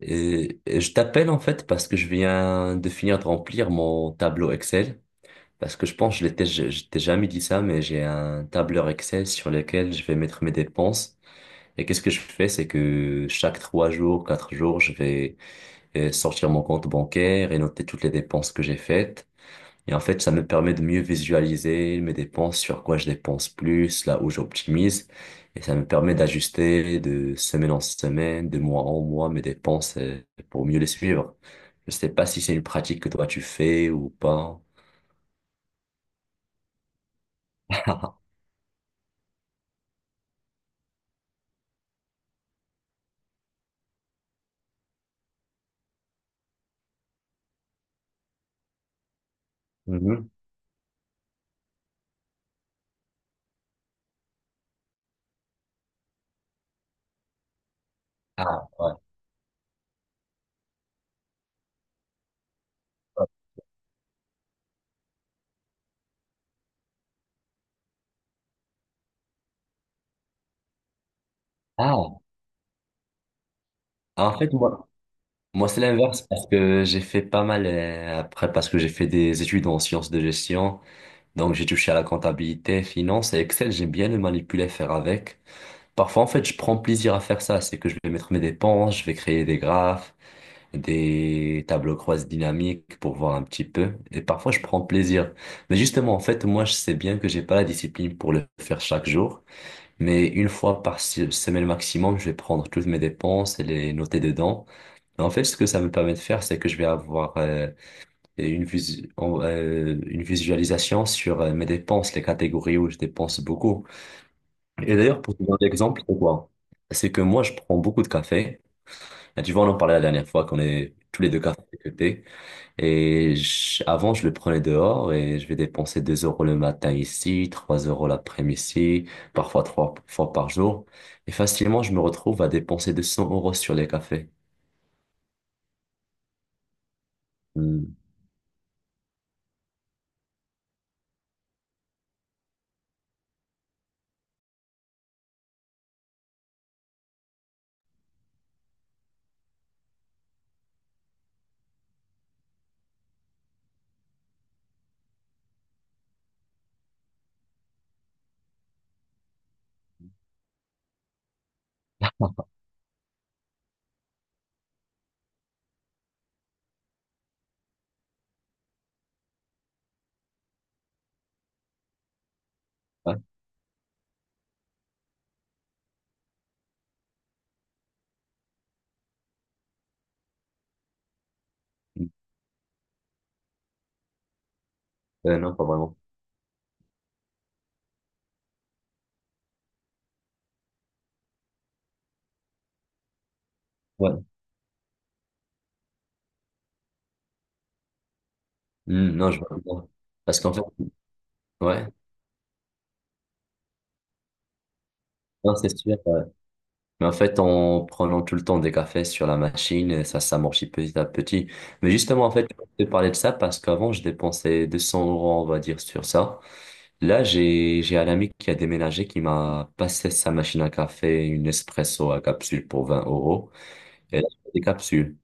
Et je t'appelle en fait parce que je viens de finir de remplir mon tableau Excel. Parce que je pense, je l'étais, je t'ai jamais dit ça, mais j'ai un tableur Excel sur lequel je vais mettre mes dépenses. Et qu'est-ce que je fais, c'est que chaque 3 jours, 4 jours, je vais sortir mon compte bancaire et noter toutes les dépenses que j'ai faites. Et en fait, ça me permet de mieux visualiser mes dépenses, sur quoi je dépense plus, là où j'optimise. Et ça me permet d'ajuster de semaine en semaine, de mois en mois, mes dépenses pour mieux les suivre. Je sais pas si c'est une pratique que toi tu fais ou pas. Mhm. Ah, ouais. Ah, en fait, moi c'est l'inverse parce que j'ai fait pas mal, après, parce que j'ai fait des études en sciences de gestion, donc j'ai touché à la comptabilité, finance et Excel, j'aime bien le manipuler, faire avec. Parfois, en fait, je prends plaisir à faire ça. C'est que je vais mettre mes dépenses, je vais créer des graphes, des tableaux croisés dynamiques pour voir un petit peu. Et parfois, je prends plaisir. Mais justement, en fait, moi, je sais bien que j'ai pas la discipline pour le faire chaque jour. Mais une fois par semaine maximum, je vais prendre toutes mes dépenses et les noter dedans. Et en fait, ce que ça me permet de faire, c'est que je vais avoir une visualisation sur mes dépenses, les catégories où je dépense beaucoup. Et d'ailleurs, pour te donner l'exemple, c'est quoi? C'est que moi, je prends beaucoup de café. Et tu vois, on en parlait la dernière fois qu'on est tous les deux cafés que thé. Et avant, je le prenais dehors et je vais dépenser 2 € le matin ici, 3 € l'après-midi, parfois 3 fois par jour. Et facilement, je me retrouve à dépenser 200 € sur les cafés. Hmm. Ouais. Non, pas vraiment. Ouais. Hmm, non, je vois pas. Parce qu'en fait, ouais, non, c'est sûr. Mais en fait, en prenant tout le temps des cafés sur la machine, ça s'amortit petit à petit. Mais justement, en fait, je te parlais de ça parce qu'avant, je dépensais 200 euros, on va dire, sur ça. Là, j'ai un ami qui a déménagé qui m'a passé sa machine à café, une espresso à capsule pour 20 euros. Et là, je fais des capsules.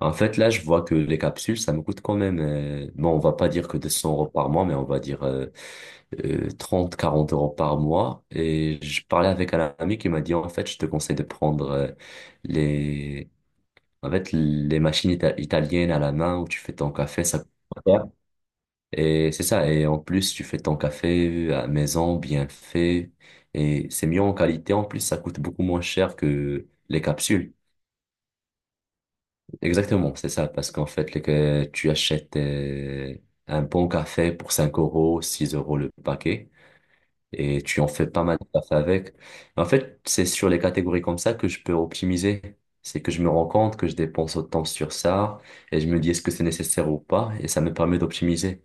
En fait, là, je vois que les capsules, ça me coûte quand même, bon, on va pas dire que 200 € par mois, mais on va dire 30, 40 € par mois. Et je parlais avec un ami qui m'a dit, en fait, je te conseille de prendre les, en fait, les machines italiennes à la main où tu fais ton café, ça coûte pas cher. Et c'est ça. Et en plus, tu fais ton café à maison, bien fait. Et c'est mieux en qualité. En plus, ça coûte beaucoup moins cher que les capsules. Exactement, c'est ça, parce qu'en fait, que tu achètes un bon café pour 5 euros, 6 € le paquet, et tu en fais pas mal de café avec. En fait, c'est sur les catégories comme ça que je peux optimiser. C'est que je me rends compte que je dépense autant sur ça, et je me dis est-ce que c'est nécessaire ou pas, et ça me permet d'optimiser.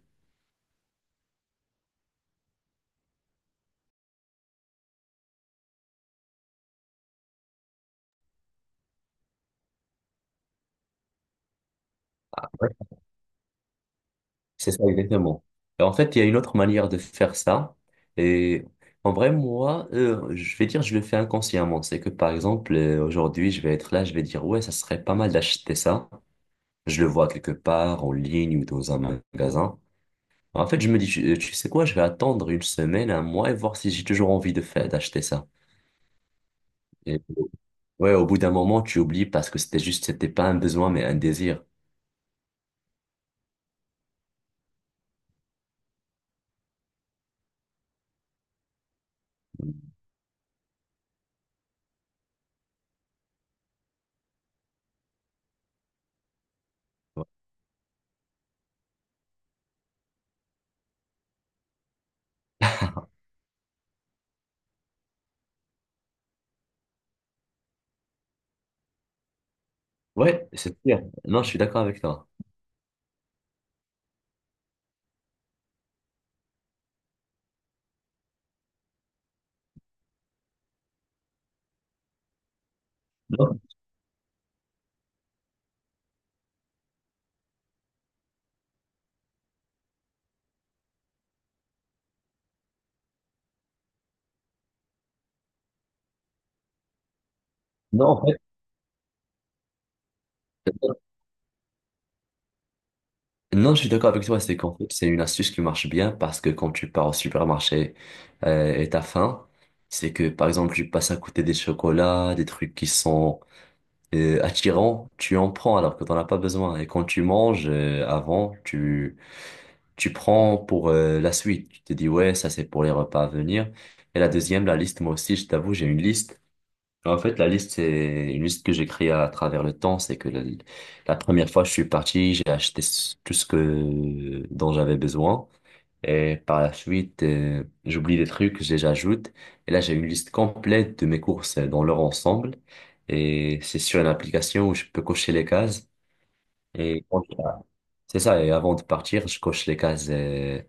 C'est ça, exactement. Et en fait, il y a une autre manière de faire ça. Et en vrai, moi, je vais dire, je le fais inconsciemment. C'est que, par exemple, aujourd'hui, je vais être là, je vais dire, ouais, ça serait pas mal d'acheter ça. Je le vois quelque part, en ligne ou dans un magasin. En fait, je me dis, tu sais quoi, je vais attendre une semaine, un mois et voir si j'ai toujours envie de faire, d'acheter ça. Et ouais, au bout d'un moment, tu oublies parce que c'était juste, c'était pas un besoin, mais un désir. Ouais, c'est sûr. Non, je suis d'accord avec toi. Non, non, en fait. Non, je suis d'accord avec toi, c'est qu'en fait, c'est une astuce qui marche bien parce que quand tu pars au supermarché et t'as faim, c'est que par exemple, tu passes à côté des chocolats, des trucs qui sont attirants, tu en prends alors que t'en as pas besoin. Et quand tu manges avant, tu prends pour la suite. Tu te dis, ouais, ça c'est pour les repas à venir. Et la deuxième, la liste, moi aussi, je t'avoue, j'ai une liste. En fait, la liste, c'est une liste que j'ai créée à travers le temps. C'est que la première fois que je suis parti, j'ai acheté tout ce que, dont j'avais besoin. Et par la suite, j'oublie des trucs, je les ajoute. Et là, j'ai une liste complète de mes courses dans leur ensemble. Et c'est sur une application où je peux cocher les cases. Et quand je- c'est ça. Et avant de partir, je coche les cases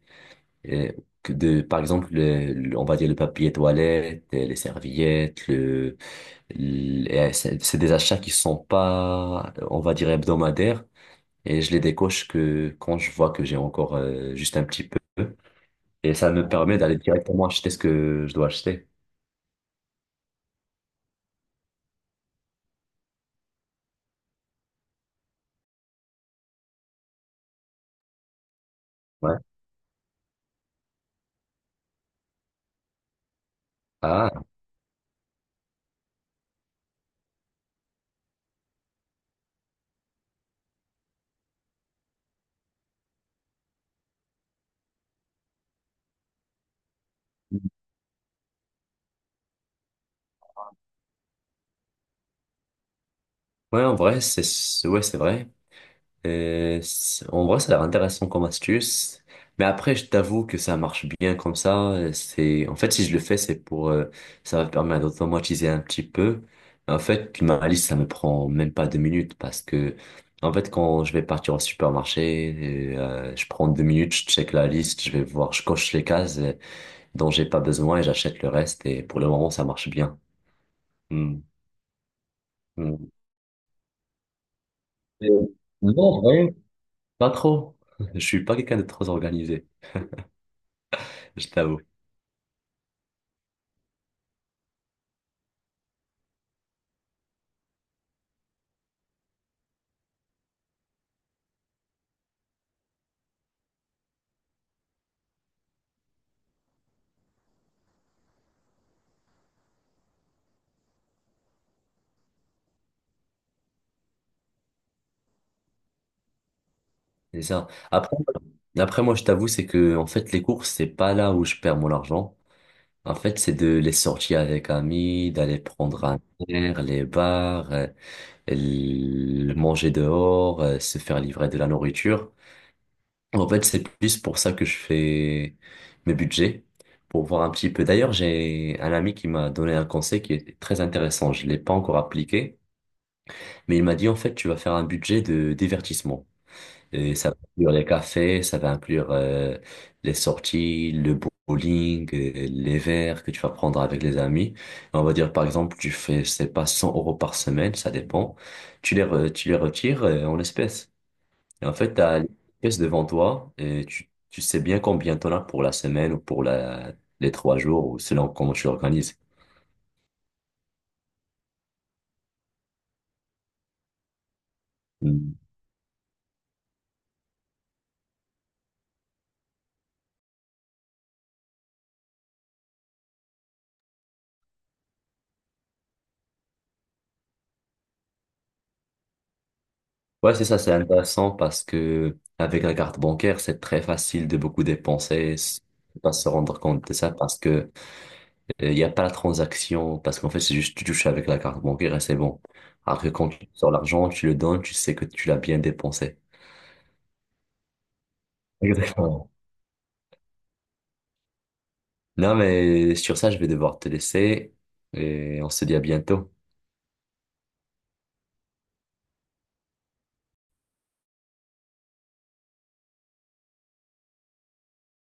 euh, que de, par exemple, on va dire le papier toilette, les serviettes, et c'est des achats qui sont pas, on va dire, hebdomadaires. Et je les décoche que quand je vois que j'ai encore juste un petit peu. Et ça me permet d'aller directement acheter ce que je dois acheter. Ouais. Ah. Ouais, en vrai, ouais, c'est vrai. En vrai, ça a l'air intéressant comme astuce. Mais après, je t'avoue que ça marche bien comme ça. C'est, en fait, si je le fais, c'est pour, ça va me permettre d'automatiser un petit peu. En fait, ma liste, ça me prend même pas 2 minutes parce que, en fait, quand je vais partir au supermarché, je prends 2 minutes, je check la liste, je vais voir, je coche les cases dont j'ai pas besoin et j'achète le reste. Et pour le moment, ça marche bien. Hmm. Hmm. Euh, Non, en vrai pas trop. Je suis pas quelqu'un de trop organisé, je t'avoue. C'est ça. Après, moi, je t'avoue, c'est que, en fait, les courses, c'est pas là où je perds mon argent. En fait, c'est de les sortir avec amis, d'aller prendre un verre, les bars, manger dehors, se faire livrer de la nourriture. En fait, c'est plus pour ça que je fais mes budgets, pour voir un petit peu. D'ailleurs, j'ai un ami qui m'a donné un conseil qui est très intéressant. Je l'ai pas encore appliqué, mais il m'a dit, en fait, tu vas faire un budget de divertissement. Et ça va inclure les cafés, ça va inclure les sorties, le bowling, les verres que tu vas prendre avec les amis. Et on va dire, par exemple, tu fais, je sais pas, 100 € par semaine, ça dépend. Tu les retires en espèces. Et en fait, tu as l'espèce devant toi et tu sais bien combien tu en as pour la semaine ou pour les 3 jours, ou selon comment tu l'organises. Hmm. Ouais, c'est ça, c'est intéressant parce que avec la carte bancaire, c'est très facile de beaucoup dépenser, pas se rendre compte de ça parce que il n'y a pas la transaction, parce qu'en fait, c'est juste tu touches avec la carte bancaire et c'est bon. Alors que quand tu sors l'argent, tu le donnes, tu sais que tu l'as bien dépensé. Exactement. Non, mais sur ça, je vais devoir te laisser et on se dit à bientôt.